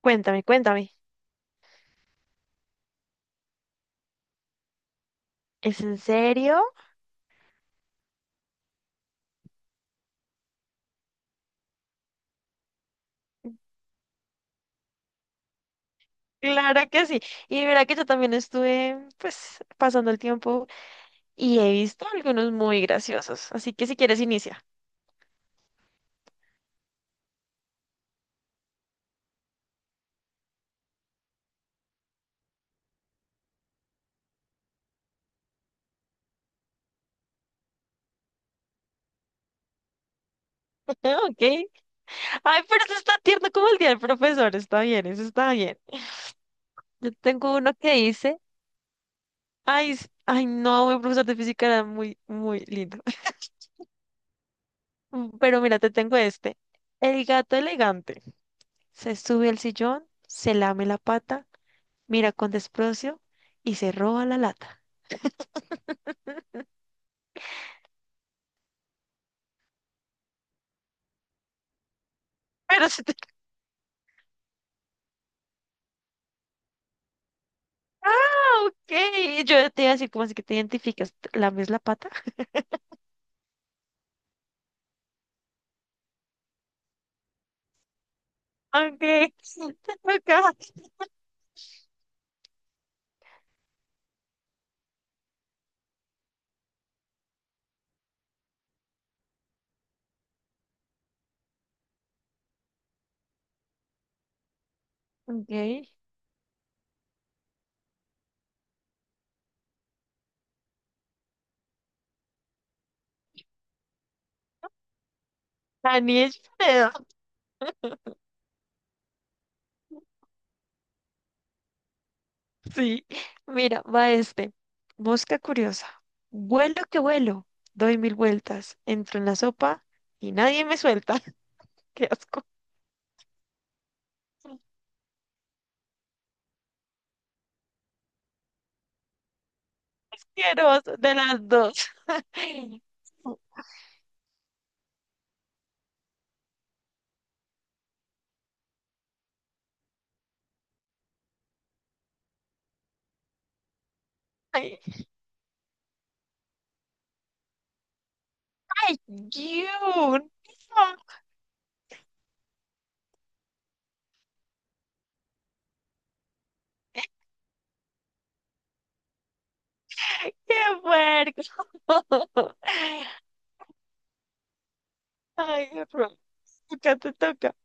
Cuéntame, cuéntame. ¿Es en serio? Claro que sí. Y mira que yo también estuve, pues, pasando el tiempo y he visto algunos muy graciosos. Así que si quieres, inicia. Ok. Ay, pero eso está tierno como el día del profesor. Está bien, eso está bien. Yo tengo uno que dice, ay, no, mi profesor de física era muy, muy lindo. Pero mira, te tengo este. El gato elegante. Se sube al sillón, se lame la pata, mira con desprecio y se roba la lata. Pero si te ok, yo te iba a decir, ¿cómo así que te identificas? ¿Lames la pata? Ok, acá. Ok, Daniel Fredo. Sí, mira, va este. Mosca curiosa. Vuelo que vuelo, doy mil vueltas, entro en la sopa y nadie me suelta. Qué asco. Asqueroso de las dos. Ay, ay, you. No, qué puerco. Ay, horror. Acá te toca.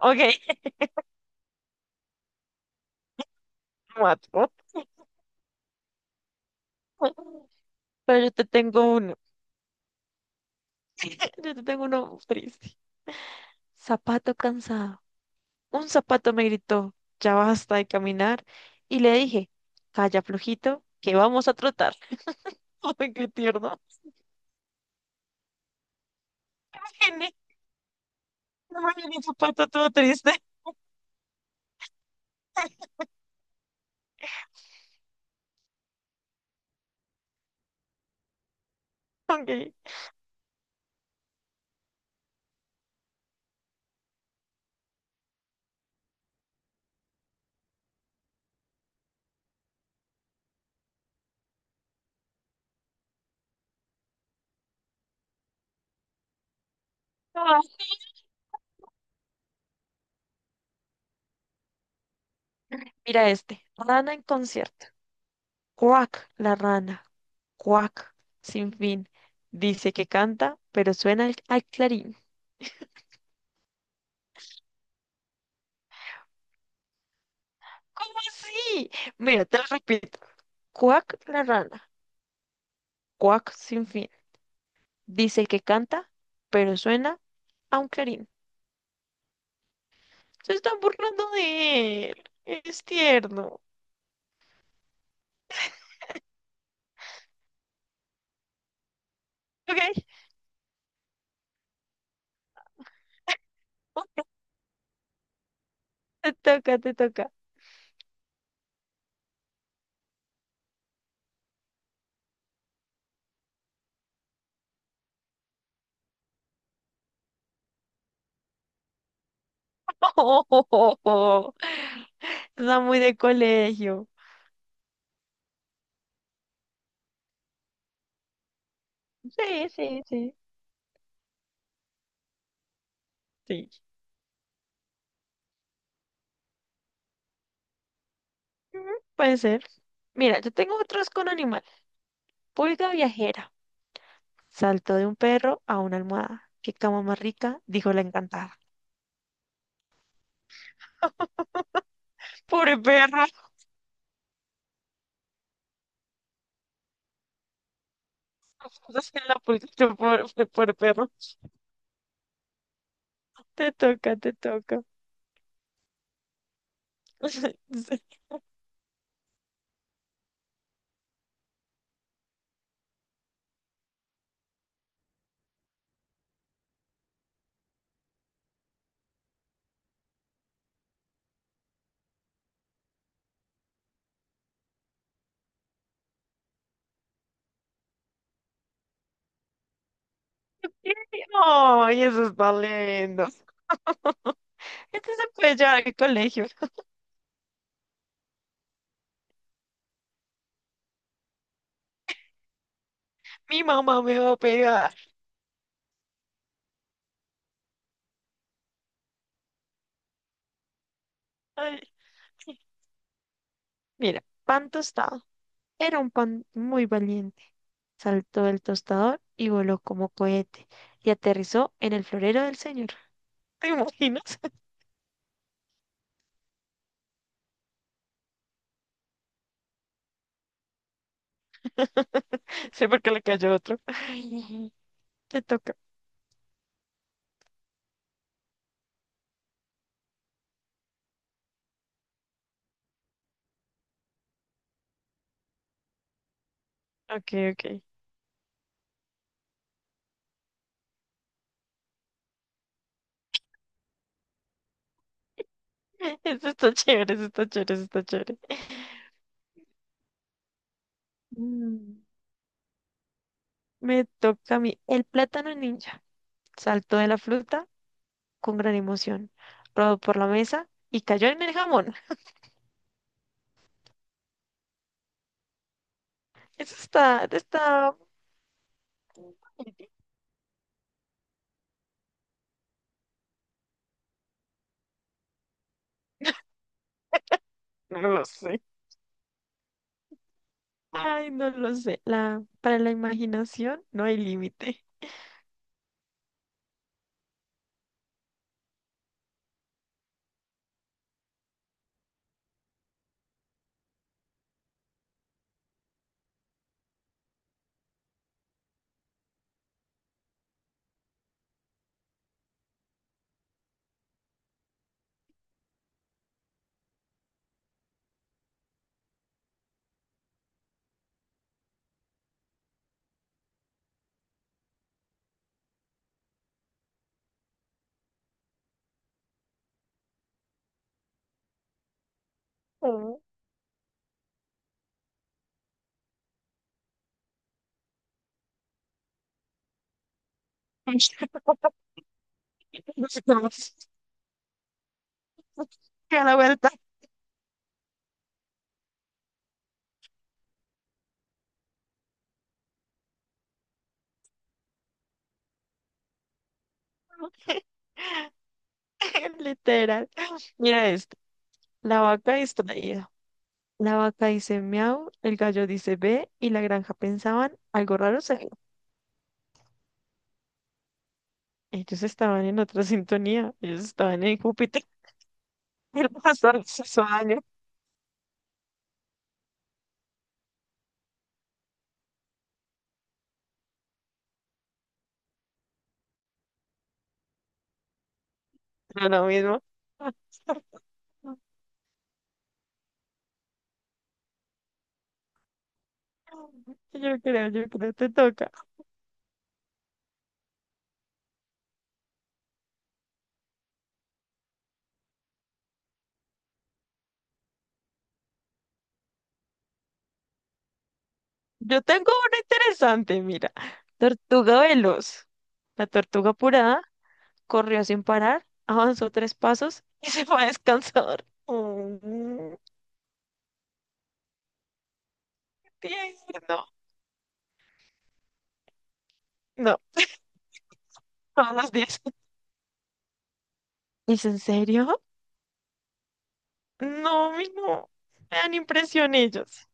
Ok. Mató. Pero yo te tengo uno. Yo te tengo uno triste. Zapato cansado. Un zapato me gritó, ya basta de caminar. Y le dije, calla flojito, que vamos a trotar. Ay, qué tierno. Viene, no me viene un zapato todo triste. Ok. Ah. Mira este. Rana en concierto. Cuac, la rana. Cuac, sin fin. Dice que canta, pero suena al clarín. ¿Cómo así? Mira, te lo repito. Cuac la rana, cuac sin fin. Dice que canta, pero suena a un clarín. Se están burlando de él. Es tierno. Ok, te toca, te toca. Está muy de colegio. Sí, sí, sí. Sí. Ujú, puede ser. Mira, yo tengo otros con animal. Pulga viajera. Saltó de un perro a una almohada. Qué cama más rica, dijo la encantada. Pobre perro. O sea, la pulcritud por perro. Te toca, te toca. Sí, ay, eso está lindo. Este se puede llevar al colegio. Mi mamá me va a pegar. Ay, sí. Mira, pan tostado. Era un pan muy valiente. Saltó del tostador y voló como cohete y aterrizó en el florero del señor. ¿Te imaginas? Sí, porque le cayó otro. Ay, te toca. Ok, ok. Eso está chévere, eso está chévere, eso está chévere. Mm. Me toca a mí. El plátano ninja saltó de la fruta con gran emoción, rodó por la mesa y cayó en el jamón. Eso está, está... No lo sé. Ay, no lo sé. La, para la imaginación no hay límite. Oh. Que a la vuelta. Literal. Mira esto. La vaca distraída. La vaca dice miau, el gallo dice ve y la granja pensaban algo raro se ellos estaban en otra sintonía, ellos estaban en Júpiter, el pastor se hizo daño, era lo mismo. Yo creo, te toca. Yo tengo una interesante, mira. Tortuga veloz. La tortuga apurada corrió sin parar, avanzó tres pasos y se fue a descansar. Mm, tierno. No, todos los días. ¿Es en serio? No, mi no. Me dan impresión ellos.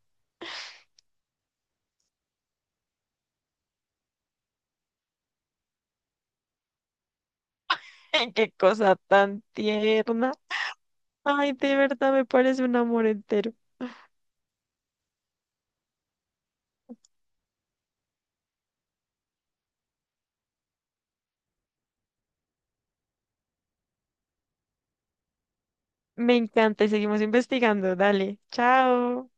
Qué cosa tan tierna. Ay, de verdad me parece un amor entero. Me encanta y seguimos investigando. Dale, chao.